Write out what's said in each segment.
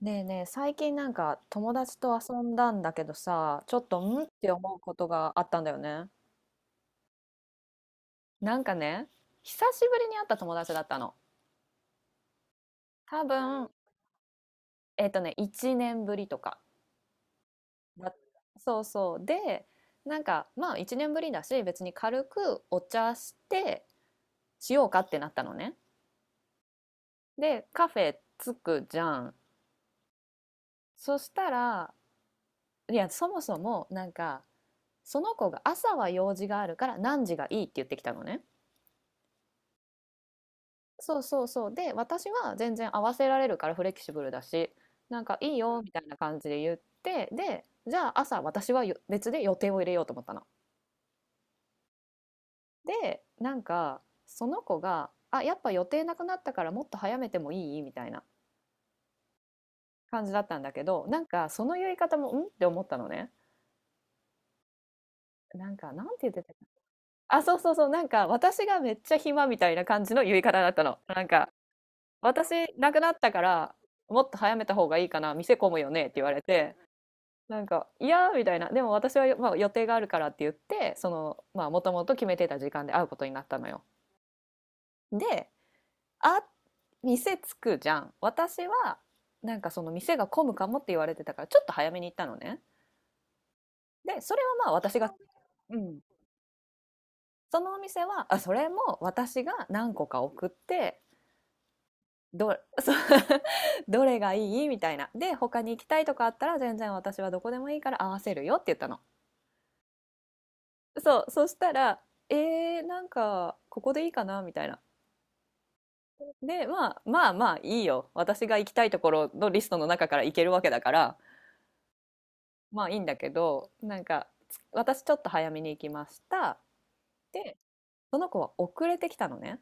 ねえねえ、最近友達と遊んだんだけどさ、ちょっとんって思うことがあったんだよね。なんかね、久しぶりに会った友達だったの。多分、1年ぶりとかだ。そうそう。で、なんかまあ1年ぶりだし、別に軽くお茶してしようかってなったのね。で、カフェ着くじゃん。そしたら、いや、そもそもその子が朝は用事があるから何時がいいって言ってきたのね。そうそうそう。で、私は全然合わせられるからフレキシブルだし、なんかいいよみたいな感じで言って、で、じゃあ朝私はよ別で予定を入れようと思ったの。で、なんかその子が、あ、やっぱ予定なくなったからもっと早めてもいいみたいな感じだったんだけど、なんかその言い方もんって思ったのね。なんかなんて言ってたかな。あ、そうそうそう。なんか私がめっちゃ暇みたいな感じの言い方だったの。なんか私なくなったからもっと早めた方がいいかな、店混むよねって言われて。なんか「いや」みたいな、でも私は、まあ、予定があるからって言って、そのまあもともと決めてた時間で会うことになったのよ。で、あ、店着くじゃん。私はなんかその店が混むかもって言われてたからちょっと早めに行ったのね。でそれはまあ私が、うん、そのお店は、あ、それも私が何個か送って、どそ う、どれがいいみたいな、で他に行きたいとかあったら全然私はどこでもいいから合わせるよって言ったの。そう、そしたら、なんか、ここでいいかなみたいな。で、まあ、まあまあいいよ。私が行きたいところのリストの中から行けるわけだから、まあいいんだけど、なんか、私ちょっと早めに行きました。で、その子は遅れてきたのね。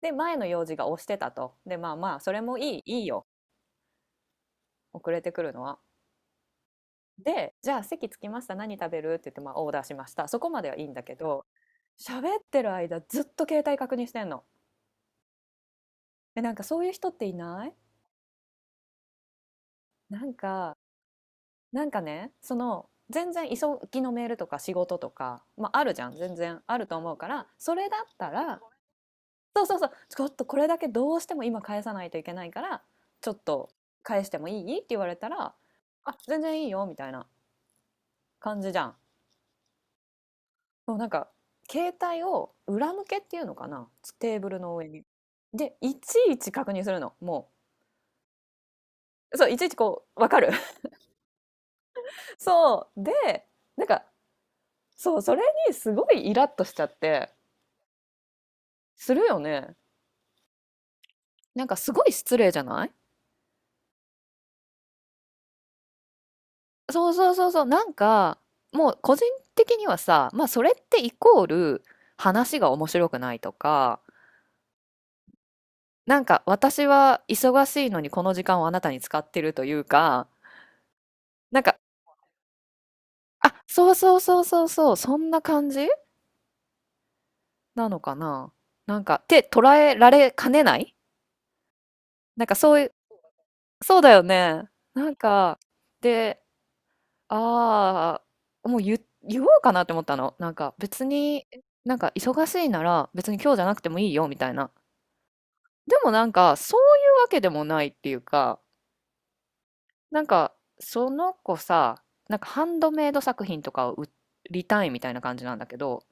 で、前の用事が押してたと。で、まあまあ、それもいい、いいよ。遅れてくるのは。で、じゃあ席着きました。何食べるって言って、まあオーダーしました。そこまではいいんだけど、喋ってる間ずっと携帯確認してんの。で、なんかそういう人っていない？なんか、なんかね、その全然急ぎのメールとか仕事とか、まあ、あるじゃん、全然あると思うからそれだったら、そうそうそう、ちょっとこれだけどうしても今返さないといけないからちょっと返してもいいって言われたら、あ、全然いいよみたいな感じじゃん。もうなんか携帯を裏向けっていうのかな、テーブルの上に。でいちいち確認するのも、う、そう、いちいちこう、わかる？ そうで、なんかそう、それにすごいイラッとしちゃって。するよね。なんかすごい失礼じゃない？そうそうそうそう、なんか、もう個人的にはさ、まあそれってイコール話が面白くないとか、なんか私は忙しいのにこの時間をあなたに使ってるというか、なんか、あ、そうそうそうそうそう、そんな感じなのかな。なんか、って捉えられかねない。なんかそういう、そうだよね。なんか、で、あもう言おうかなって思ったの。なんか別に、え、なんか忙しいなら別に今日じゃなくてもいいよみたいな。でもなんかそういうわけでもないっていうか、なんかその子さ、なんかハンドメイド作品とかを売りたいみたいな感じなんだけど、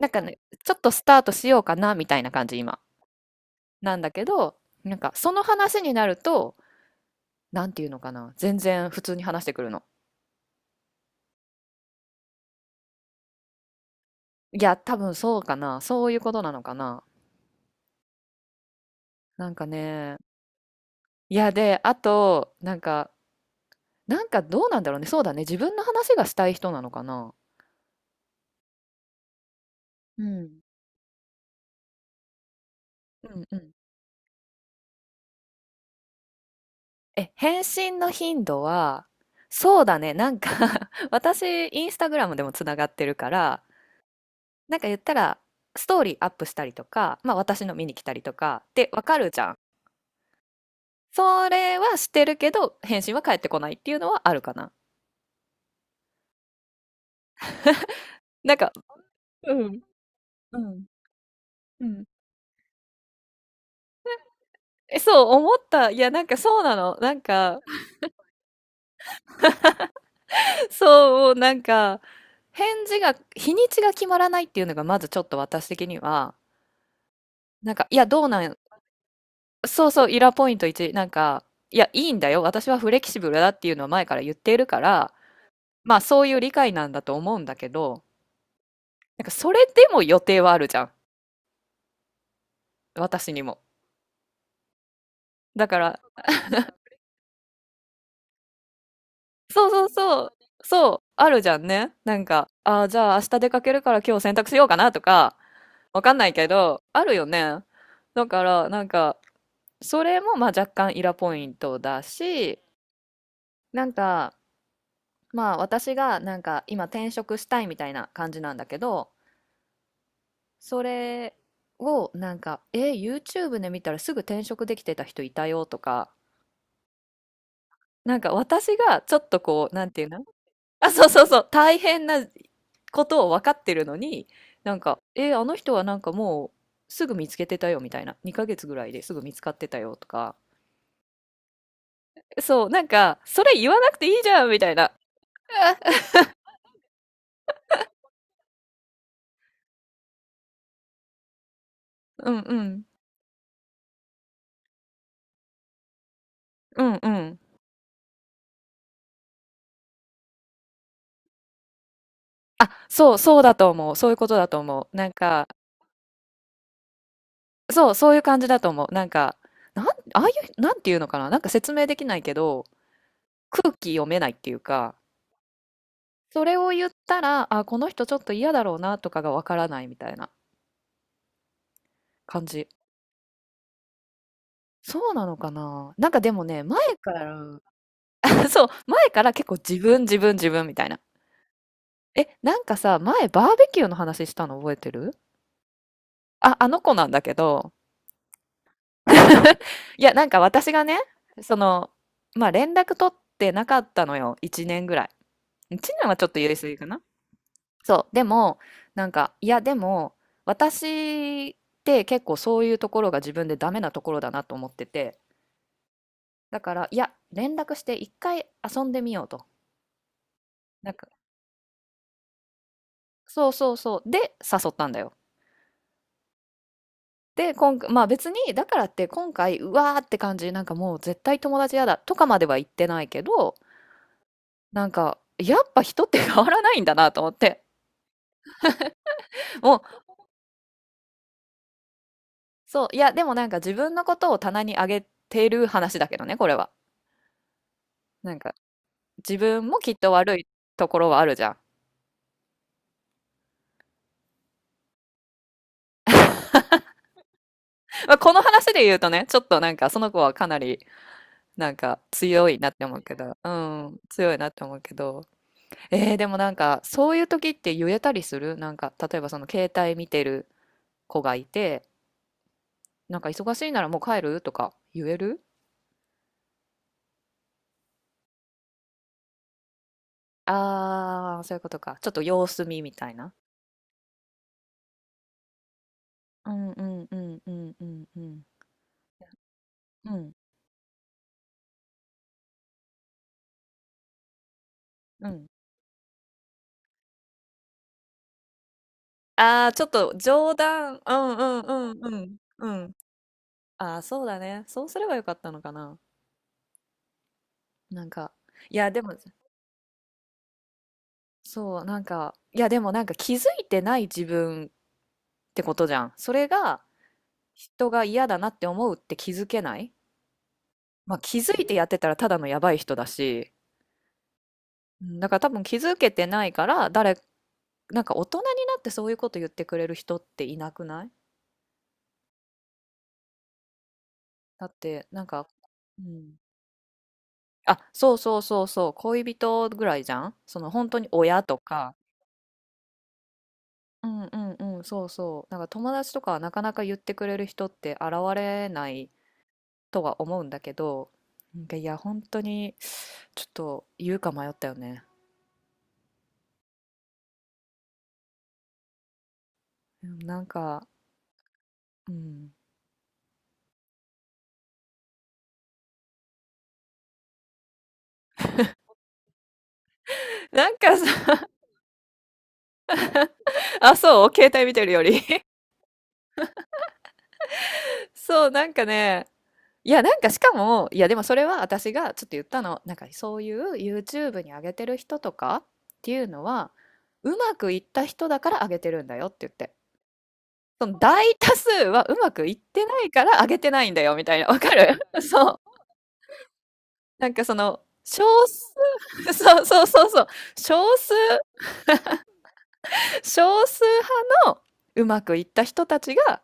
なんかね、ちょっとスタートしようかなみたいな感じ今。なんだけど、なんかその話になると、なんていうのかな、全然普通に話してくるの。いや、多分そうかな、そういうことなのかな。なんかね、いや、で、あと、なんか、なんかどうなんだろうね。そうだね。自分の話がしたい人なのかな。うん。うんうん。え、返信の頻度は、そうだね。なんか 私、インスタグラムでもつながってるから、なんか言ったら、ストーリーアップしたりとか、まあ私の見に来たりとか、で、わかるじゃん。それはしてるけど、返信は返ってこないっていうのはあるかな。なんか、うん、うん、うん。え、そう、思った。いや、なんかそうなの。なんか、そう、なんか、返事が、日にちが決まらないっていうのが、まずちょっと私的には、なんか、いや、どうなん、そうそう、イラポイント1、なんか、いや、いいんだよ、私はフレキシブルだっていうのは前から言っているから、まあ、そういう理解なんだと思うんだけど、なんか、それでも予定はあるじゃん、私にも。だから、そうそうそう、そう、あるじゃんね。なんか、ああ、じゃあ明日出かけるから今日洗濯しようかなとか、わかんないけど、あるよね。だから、なんか、それもまあ若干イラポイントだし、なんかまあ私がなんか今転職したいみたいな感じなんだけど、それをなんか、え、YouTube で見たらすぐ転職できてた人いたよとか、なんか私がちょっとこう、なんていうの？ あ、そうそうそう、大変なことを分かってるのに、なんか、え、あの人はなんかもうすぐ見つけてたよみたいな、2ヶ月ぐらいですぐ見つかってたよとか、そう、なんか、それ言わなくていいじゃんみたいな。うんうん。うんうん。あ、そう、そうだと思う。そういうことだと思う。なんか、そう、そういう感じだと思う。なんか、ああいう、なんていうのかな。なんか説明できないけど、空気読めないっていうか、それを言ったら、あ、この人ちょっと嫌だろうなとかがわからないみたいな感じ。そうなのかな。なんかでもね、前から、そう、前から結構自分みたいな。え、なんかさ、前バーベキューの話したの覚えてる？あ、あの子なんだけど、いや、なんか私がね、その、まあ連絡取ってなかったのよ。1年ぐらい。1年はちょっと言いすぎかな。そう。でも、なんか、いや、でも、私って結構そういうところが自分でダメなところだなと思ってて。だから、いや、連絡して一回遊んでみようと。なんか、そうそうそう。で、誘ったんだよ。で、今回、まあ別に、だからって今回、うわーって感じ、なんかもう絶対友達嫌だとかまでは言ってないけど、なんか、やっぱ人って変わらないんだなと思って。もう、そう、いや、でもなんか自分のことを棚に上げてる話だけどね、これは。なんか、自分もきっと悪いところはあるじゃん。まあ、この話で言うとね、ちょっとなんか、その子はかなり、なんか、強いなって思うけど、うん、強いなって思うけど。でもなんか、そういう時って言えたりする、なんか、例えばその携帯見てる子がいて、なんか忙しいならもう帰るとか言える。あー、そういうことか。ちょっと様子見みたいな。うんうんうんうんうんうん。うん。うん。ああ、ちょっと冗談。うんうんうんうん。うん。ああ、そうだね。そうすればよかったのかな。なんか、いや、でも、そう、なんか、いや、でもなんか気づいてない自分ってことじゃん。それが人が嫌だなって思うって気づけない。まあ気づいてやってたらただのやばい人だし、うん、だから多分気づけてないから、誰、なんか大人になってそういうこと言ってくれる人っていなくない？だって、なんか、うん。あ、そうそうそうそう、恋人ぐらいじゃん、その本当に親とか。うんうんうん、そうそう。なんか友達とかはなかなか言ってくれる人って現れないとは思うんだけど、なんかいや、本当にちょっと言うか迷ったよね。うん、なんか、うん。なんかさ、あ、そう、携帯見てるより。 そう、なんかね、いや、なんかしかも、いや、でもそれは私がちょっと言ったの。なんかそういう YouTube に上げてる人とかっていうのは、うまくいった人だから上げてるんだよって言って。その大多数はうまくいってないから上げてないんだよみたいな。わかる？ そう。なんかその、少数。 そうそうそうそう。少数、少数派のうまくいった人たちが、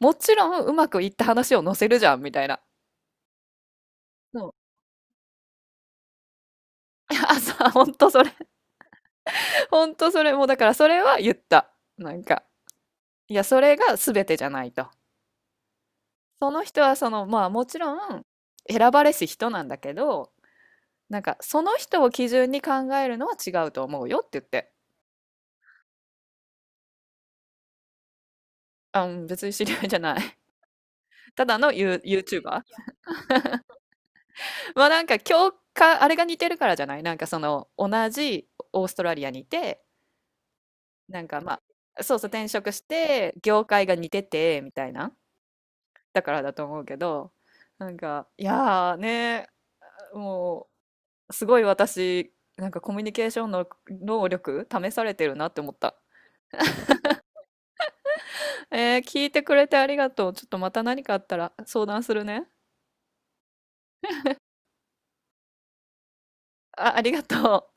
もちろんうまくいった話を載せるじゃんみたいな。そう。あ、そう、本当それ。ほんとそれ、もうだからそれは言った。なんか、いや、それが全てじゃないと。その人はその、まあもちろん選ばれし人なんだけど、なんかその人を基準に考えるのは違うと思うよって言って。あ、うん、別に知り合いじゃない。ただのユー、YouTuber。まあなんか共感、あれが似てるからじゃない？なんかその同じオーストラリアにいて、なんかまあ、そうそう、転職して、業界が似てて、みたいな。だからだと思うけど、なんか、いやーね、もう、すごい私、なんかコミュニケーションの能力試されてるなって思った。えー、聞いてくれてありがとう。ちょっとまた何かあったら相談するね。あ、ありがとう。